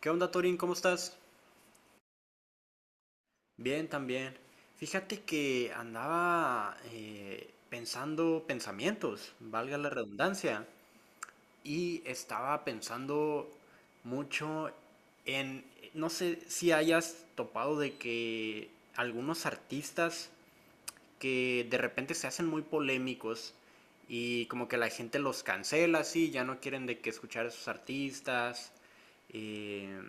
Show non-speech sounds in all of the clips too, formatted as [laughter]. ¿Qué onda, Torín? ¿Cómo estás? Bien, también. Fíjate que andaba pensando pensamientos, valga la redundancia, y estaba pensando mucho en, no sé si hayas topado de que algunos artistas que de repente se hacen muy polémicos y como que la gente los cancela, sí, ya no quieren de que escuchar a esos artistas. eh,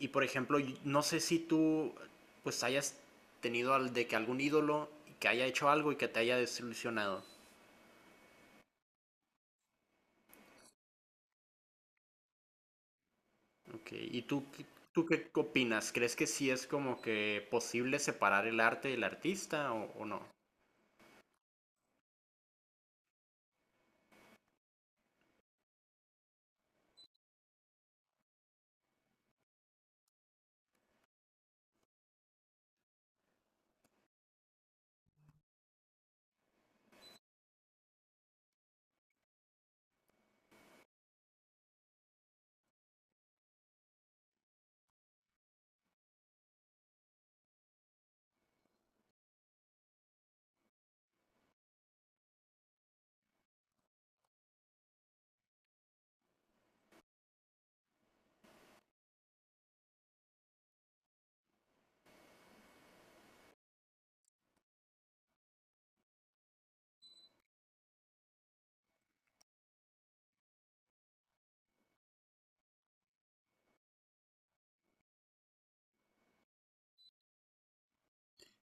Y por ejemplo, no sé si tú pues hayas tenido de que algún ídolo que haya hecho algo y que te haya desilusionado. Ok, ¿ tú qué opinas? ¿Crees que sí es como que posible separar el arte del artista o no?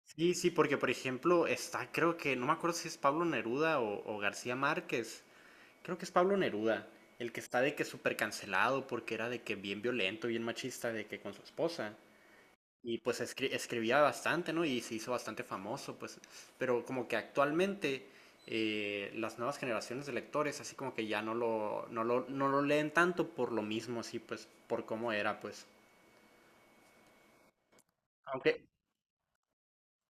Sí, sí, porque por ejemplo está, creo que, no me acuerdo si es Pablo Neruda o García Márquez, creo que es Pablo Neruda, el que está de que súper cancelado porque era de que bien violento, bien machista, de que con su esposa. Y pues escribía bastante, ¿no? Y se hizo bastante famoso, pues. Pero como que actualmente las nuevas generaciones de lectores, así como que ya no lo leen tanto por lo mismo, así pues, por cómo era, pues. Aunque,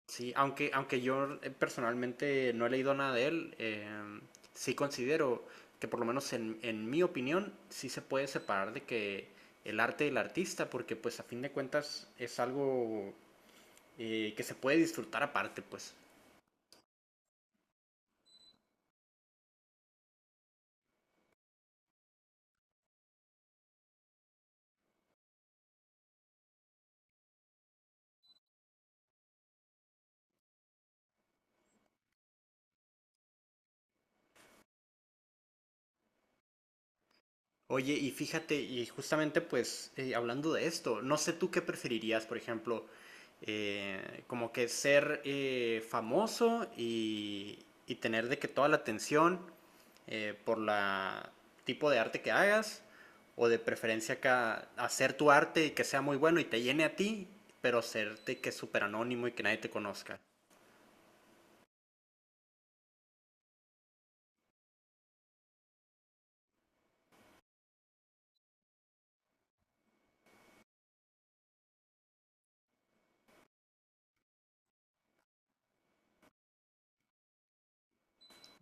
sí, aunque, aunque yo personalmente no he leído nada de él, sí considero que por lo menos en mi opinión, sí se puede separar de que el arte del artista, porque pues a fin de cuentas es algo que se puede disfrutar aparte, pues. Oye, y fíjate, y justamente pues hablando de esto, no sé tú qué preferirías, por ejemplo, como que ser famoso y tener de que toda la atención por la tipo de arte que hagas, o de preferencia que hacer tu arte y que sea muy bueno y te llene a ti, pero serte que es súper anónimo y que nadie te conozca.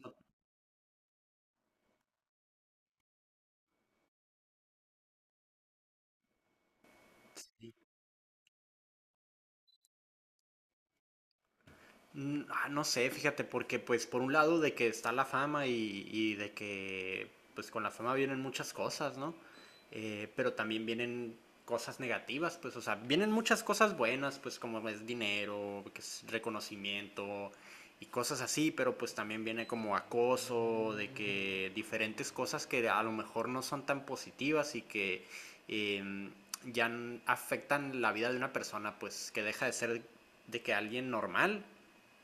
No, sí. No sé, fíjate, porque pues por un lado de que está la fama y de que pues con la fama vienen muchas cosas, ¿no? Pero también vienen cosas negativas, pues, o sea, vienen muchas cosas buenas, pues como es dinero, que es reconocimiento y cosas así, pero pues también viene como acoso, de que diferentes cosas que a lo mejor no son tan positivas y que eh, ya afectan la vida de una persona, pues que deja de ser de que alguien normal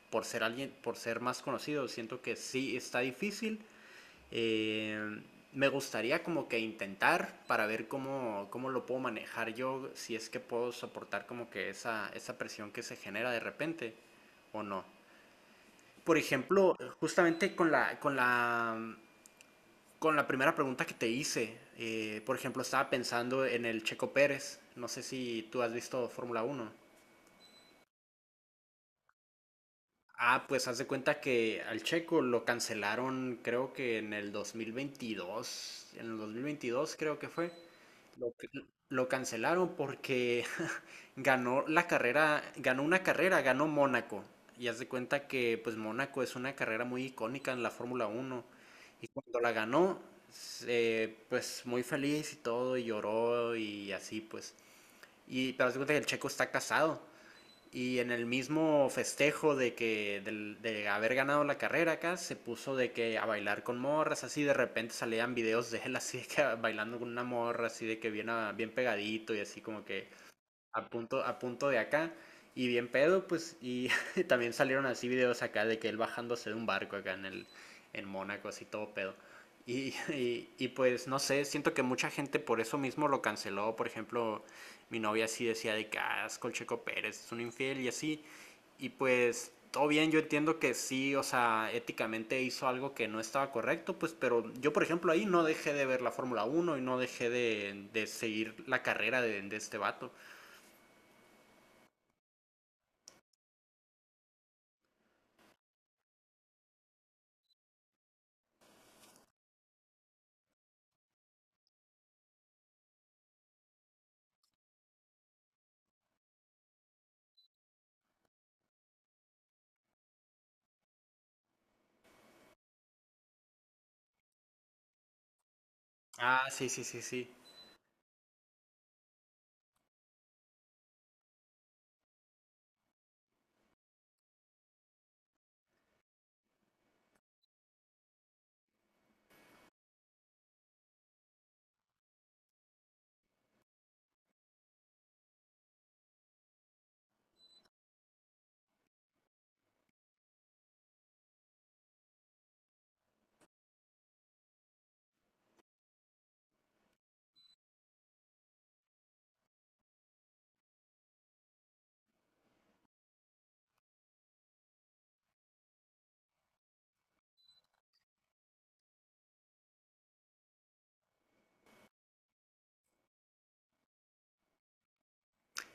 por ser alguien, por ser más conocido, siento que sí está difícil. Eh, Me gustaría como que intentar para ver cómo lo puedo manejar yo, si es que puedo soportar como que esa presión que se genera de repente o no. Por ejemplo, justamente con la primera pregunta que te hice, por ejemplo, estaba pensando en el Checo Pérez, no sé si tú has visto Fórmula Uno. Ah, pues haz de cuenta que al Checo lo cancelaron, creo que en el 2022, en el 2022 creo que fue. Lo cancelaron porque [laughs] ganó la carrera, ganó una carrera, ganó Mónaco. Y haz de cuenta que pues Mónaco es una carrera muy icónica en la Fórmula Uno. Y cuando la ganó, pues muy feliz y todo, y lloró y así pues. Y pero haz de cuenta que el Checo está casado. Y en el mismo festejo de que haber ganado la carrera acá, se puso de que a bailar con morras, así de repente salían videos de él así de que [laughs] bailando con una morra, así de que bien, ah, bien pegadito y así como que a punto de acá. Y bien pedo, pues, y [laughs] también salieron así videos acá de que él bajándose de un barco acá en el, en Mónaco, así todo pedo. [laughs] Pues no sé, siento que mucha gente por eso mismo lo canceló. Por ejemplo, mi novia sí decía de que ah, es Colcheco Pérez es un infiel y así. Y pues todo bien, yo entiendo que sí, o sea, éticamente hizo algo que no estaba correcto, pues, pero yo por ejemplo ahí no dejé de ver la Fórmula Uno y no dejé de seguir la carrera de este vato. Ah, sí, sí, sí, sí.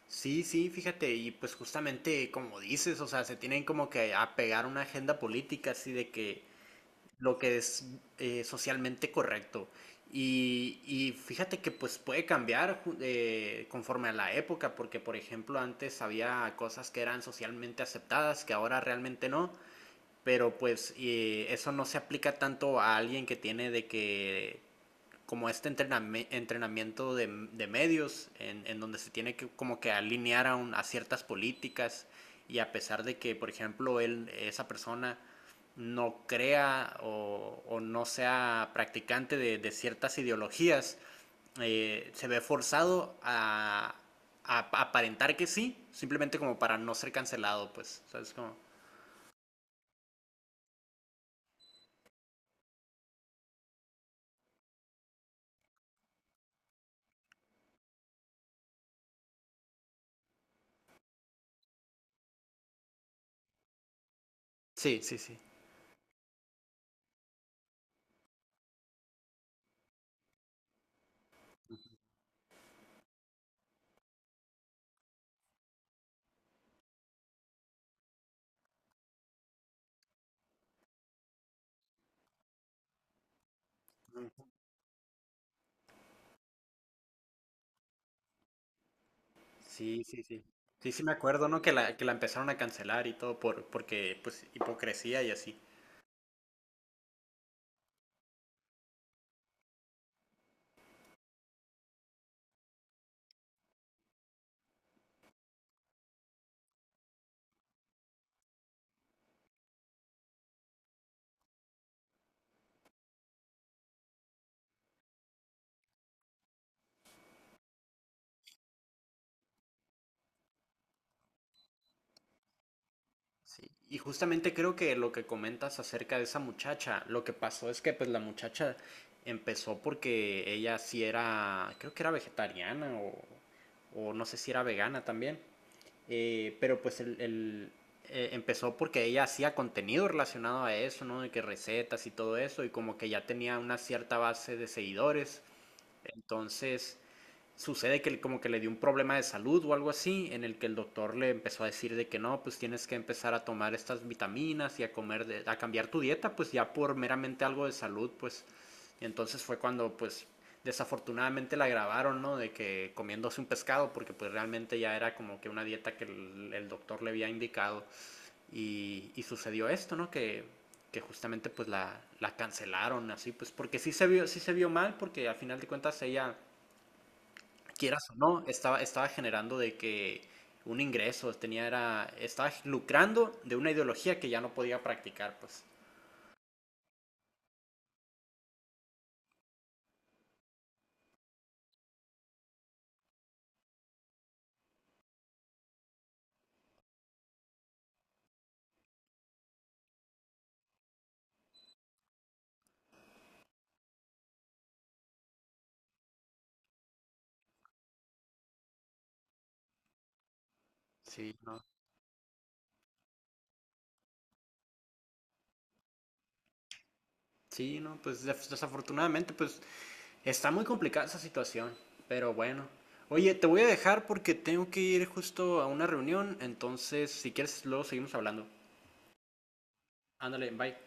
Sí, sí, fíjate, y pues justamente como dices, o sea, se tienen como que apegar a una agenda política, así de que lo que es socialmente correcto. Y fíjate que pues puede cambiar conforme a la época, porque por ejemplo antes había cosas que eran socialmente aceptadas, que ahora realmente no, pero pues eso no se aplica tanto a alguien que tiene de que como este entrenamiento de medios en donde se tiene que como que alinear a ciertas políticas y a pesar de que, por ejemplo, él, esa persona no crea o no sea practicante de ciertas ideologías, se ve forzado a aparentar que sí, simplemente como para no ser cancelado, pues, ¿sabes? Cómo sí, sí, sí. Sí, sí, sí. Sí, sí me acuerdo, ¿no? Que que la empezaron a cancelar y todo por, porque, pues, hipocresía y así. Sí. Y justamente creo que lo que comentas acerca de esa muchacha, lo que pasó es que, pues, la muchacha empezó porque ella sí era, creo que era vegetariana o no sé si era vegana también. Pero, pues, empezó porque ella hacía contenido relacionado a eso, ¿no? De que recetas y todo eso, y como que ya tenía una cierta base de seguidores. Entonces sucede que como que le dio un problema de salud o algo así, en el que el doctor le empezó a decir de que no, pues tienes que empezar a tomar estas vitaminas y a comer, a cambiar tu dieta, pues ya por meramente algo de salud, pues. Y entonces fue cuando, pues, desafortunadamente la grabaron, ¿no? De que comiéndose un pescado, porque pues realmente ya era como que una dieta que el doctor le había indicado. Y sucedió esto, ¿no? Que justamente pues la cancelaron así, pues porque sí se vio mal, porque al final de cuentas ella quieras o no, estaba, estaba generando de que un ingreso, tenía, era, estaba lucrando de una ideología que ya no podía practicar, pues. Sí, no. Sí, no, pues desafortunadamente, pues está muy complicada esa situación, pero bueno. Oye, te voy a dejar porque tengo que ir justo a una reunión, entonces si quieres luego seguimos hablando. Ándale, bye.